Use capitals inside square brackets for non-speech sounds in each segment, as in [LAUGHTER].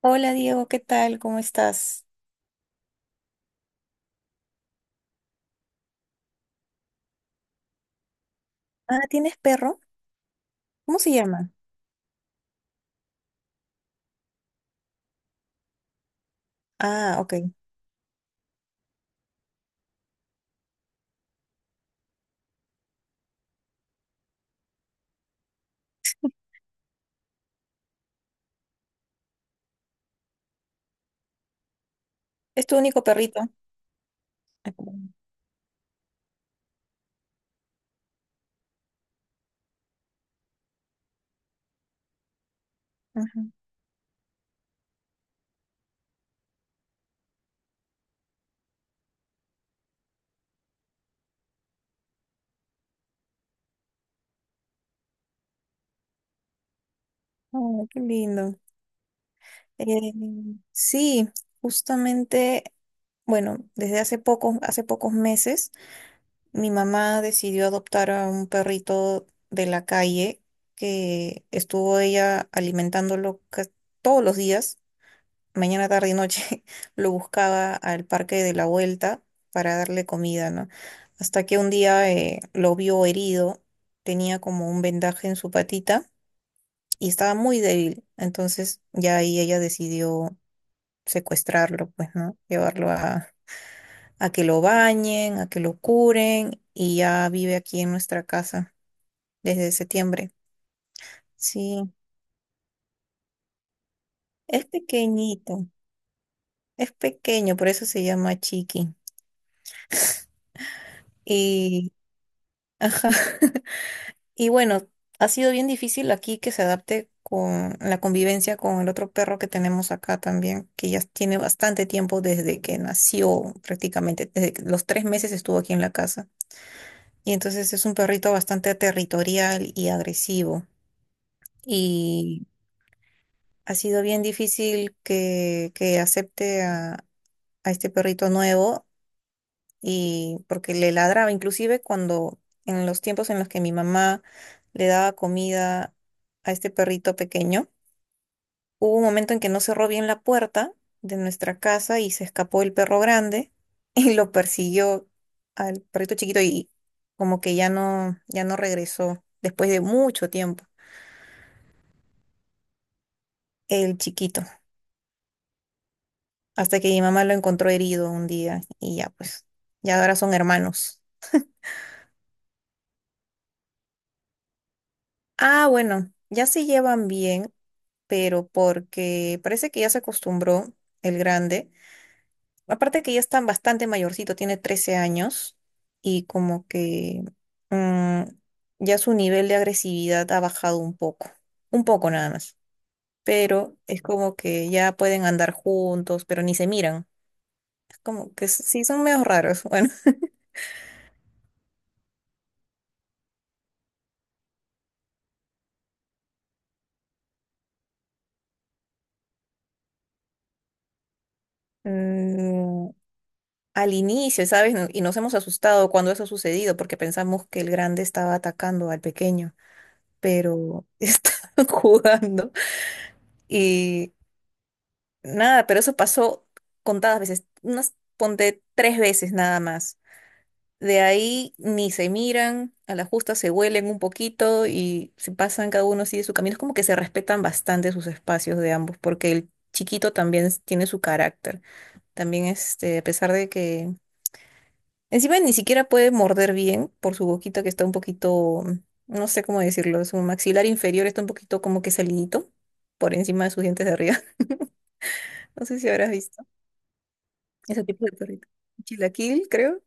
Hola Diego, ¿qué tal? ¿Cómo estás? Ah, ¿tienes perro? ¿Cómo se llama? Ah, ok. ¿Es tu único perrito? Ajá. Oh, qué lindo. Eh, sí, justamente, bueno, hace pocos meses, mi mamá decidió adoptar a un perrito de la calle que estuvo ella alimentándolo todos los días mañana, tarde y noche [LAUGHS] lo buscaba al parque de la vuelta para darle comida, ¿no? Hasta que un día lo vio herido, tenía como un vendaje en su patita y estaba muy débil. Entonces ya ahí ella decidió secuestrarlo, pues, ¿no? A que lo bañen, a que lo curen y ya vive aquí en nuestra casa desde septiembre. Sí, es pequeñito, es pequeño, por eso se llama Chiqui. Y, ajá. [LAUGHS] Y bueno, ha sido bien difícil aquí que se adapte con la convivencia con el otro perro que tenemos acá también, que ya tiene bastante tiempo desde que nació prácticamente, desde que los 3 meses estuvo aquí en la casa. Y entonces es un perrito bastante territorial y agresivo. Y ha sido bien difícil que acepte a este perrito nuevo y porque le ladraba, inclusive cuando en los tiempos en los que mi mamá le daba comida a este perrito pequeño, hubo un momento en que no cerró bien la puerta de nuestra casa y se escapó el perro grande [LAUGHS] y lo persiguió al perrito chiquito y como que ya no regresó después de mucho tiempo, el chiquito, hasta que mi mamá lo encontró herido un día y ya pues, ya ahora son hermanos. Ah, bueno, ya se llevan bien pero porque parece que ya se acostumbró el grande. Aparte que ya está bastante mayorcito, tiene 13 años y como que mm, ya su nivel de agresividad ha bajado un poco nada más. Pero es como que ya pueden andar juntos, pero ni se miran. Es como que sí, son medio raros. [LAUGHS] Bueno, mm, al inicio, ¿sabes? Y nos hemos asustado cuando eso ha sucedido porque pensamos que el grande estaba atacando al pequeño. Pero [LAUGHS] estaban jugando. Y nada, pero eso pasó contadas veces, unas ponte 3 veces nada más. De ahí ni se miran, a la justa se huelen un poquito y se pasan cada uno sigue su camino. Es como que se respetan bastante sus espacios de ambos, porque el chiquito también tiene su carácter. También este, a pesar de que encima ni siquiera puede morder bien por su boquita que está un poquito, no sé cómo decirlo, su maxilar inferior está un poquito como que salinito por encima de sus dientes de arriba. [LAUGHS] No sé si habrás visto ese tipo de perrito. Chilaquil, creo.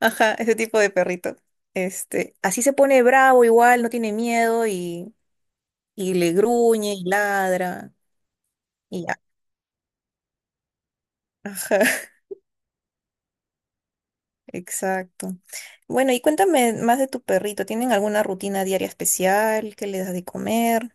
Ajá, ese tipo de perrito. Este, así se pone bravo igual, no tiene miedo y le gruñe y ladra y ya. Ajá, [LAUGHS] exacto. Bueno, y cuéntame más de tu perrito. ¿Tienen alguna rutina diaria especial? ¿Qué le das de comer?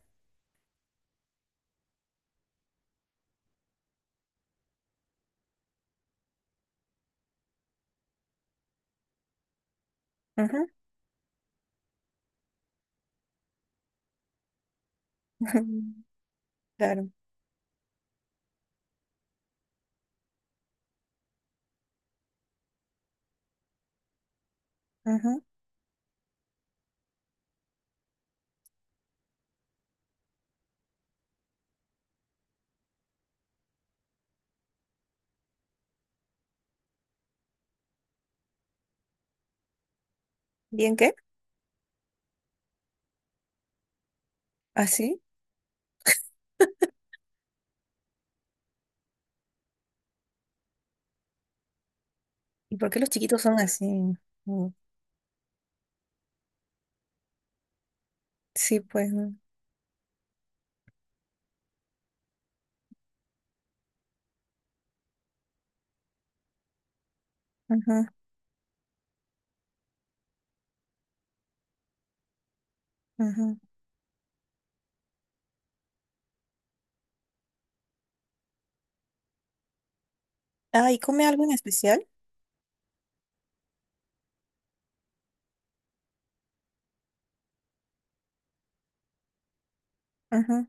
[LAUGHS] Claro. Ajá. ¿Bien qué? ¿Así? ¿Y por qué los chiquitos son así? Mm, sí, pues. ¿No? Ajá, ajá. Ah, ¿y come algo en especial? Ajá.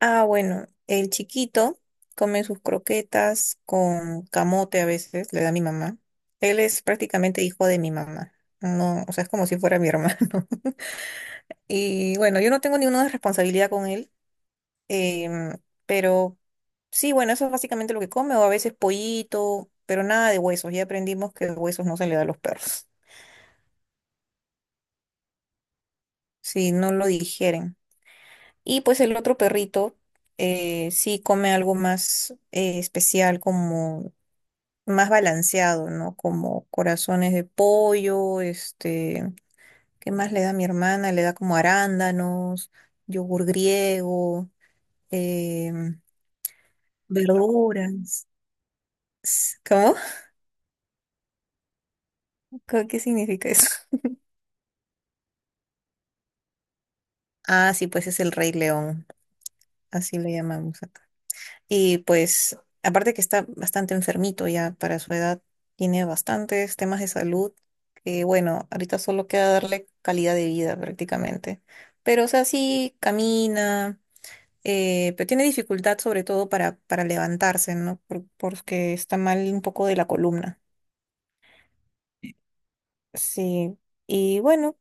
Ah, bueno, el chiquito come sus croquetas con camote a veces, le da mi mamá. Él es prácticamente hijo de mi mamá. No, o sea, es como si fuera mi hermano. [LAUGHS] Y bueno, yo no tengo ninguna responsabilidad con él. Em, pero sí, bueno, eso es básicamente lo que come, o a veces pollito, pero nada de huesos. Ya aprendimos que huesos no se le da a los perros, si no lo digieren. Y pues el otro perrito sí come algo más especial, como más balanceado, ¿no? Como corazones de pollo, este, ¿qué más le da a mi hermana? Le da como arándanos, yogur griego, em, verduras. ¿Cómo? Qué significa eso? Ah, sí, pues es el Rey León, así le llamamos acá. Y pues, aparte que está bastante enfermito ya para su edad, tiene bastantes temas de salud, que bueno, ahorita solo queda darle calidad de vida prácticamente. Pero, o sea, sí camina, pero tiene dificultad sobre todo para levantarse, ¿no? Porque está mal un poco de la columna. Sí, y bueno,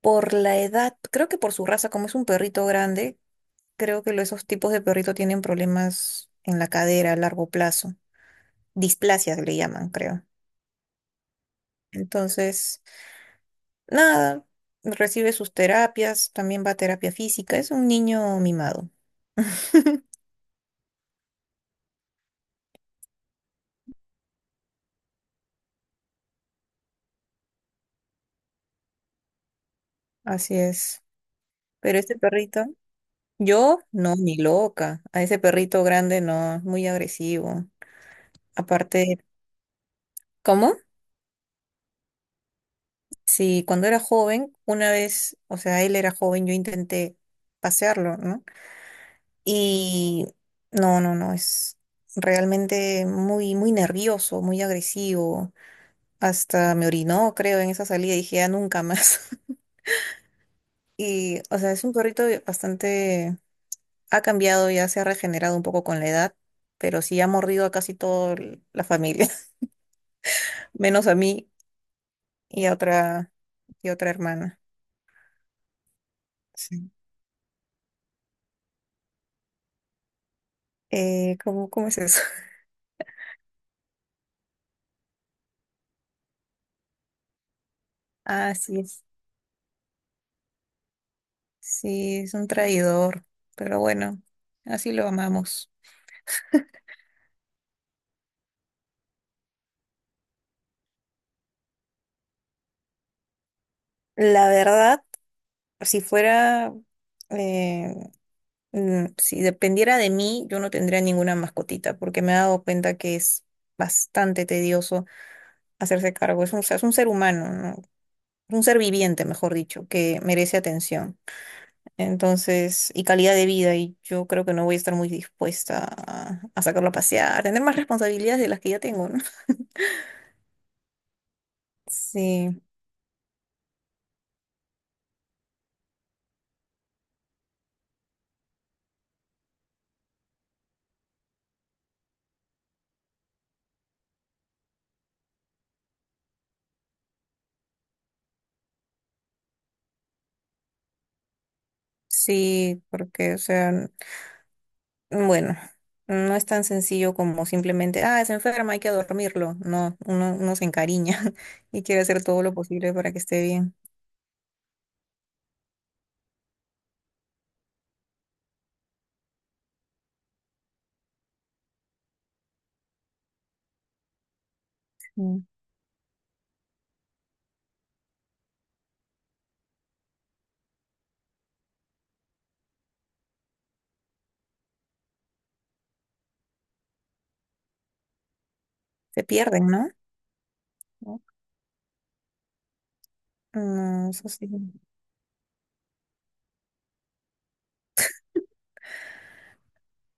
por la edad, creo que por su raza, como es un perrito grande, creo que esos tipos de perrito tienen problemas en la cadera a largo plazo. Displasias le llaman, creo. Entonces, nada, recibe sus terapias, también va a terapia física. Es un niño mimado. [LAUGHS] Así es. Pero este perrito, yo no, ni loca. A ese perrito grande no, es muy agresivo. Aparte, ¿cómo? Sí, cuando era joven, una vez, o sea, él era joven, yo intenté pasearlo, ¿no? Y no, no, no, es realmente muy nervioso, muy agresivo. Hasta me orinó, creo, en esa salida y dije, ya nunca más. [LAUGHS] Y, o sea, es un perrito bastante, ha cambiado, ya se ha regenerado un poco con la edad, pero sí ha mordido a casi toda la familia, [LAUGHS] menos a mí y a otra, y a otra hermana. Sí. ¿Cómo, cómo es eso? [LAUGHS] Ah, sí es. Sí, es un traidor, pero bueno, así lo amamos. La verdad. si fuera, eh, si dependiera de mí, yo no tendría ninguna mascotita, porque me he dado cuenta que es bastante tedioso hacerse cargo. Es un, o sea, es un ser humano, ¿no? Es un ser viviente, mejor dicho, que merece atención. Entonces, y calidad de vida, y yo creo que no voy a estar muy dispuesta a sacarlo a pasear, a tener más responsabilidades de las que ya tengo, ¿no? [LAUGHS] Sí, sí, porque, o sea, bueno, no es tan sencillo como simplemente, ah, es enferma, hay que dormirlo. No, uno se encariña [LAUGHS] y quiere hacer todo lo posible para que esté bien. Mm. Se pierden, ¿no? No, no, eso sí.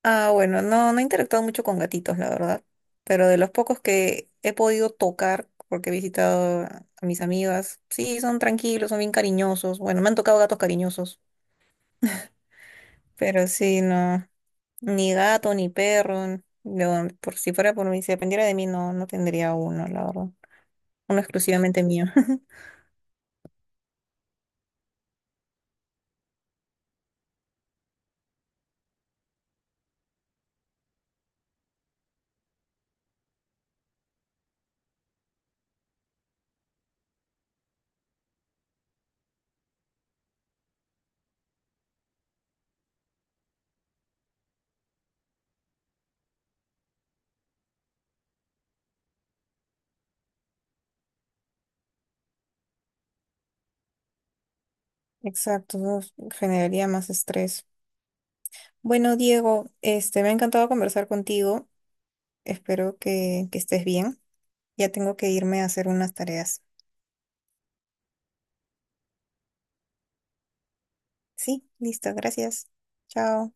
Ah, bueno, no, no he interactuado mucho con gatitos, la verdad. Pero de los pocos que he podido tocar, porque he visitado a mis amigas, sí, son tranquilos, son bien cariñosos. Bueno, me han tocado gatos cariñosos. Pero sí, no, ni gato, ni perro. Yo, por si fuera por mí, si dependiera de mí, no, no tendría uno, la verdad. Uno exclusivamente mío. [LAUGHS] Exacto, no, generaría más estrés. Bueno, Diego, este, me ha encantado conversar contigo. Espero que estés bien. Ya tengo que irme a hacer unas tareas. Sí, listo, gracias. Chao.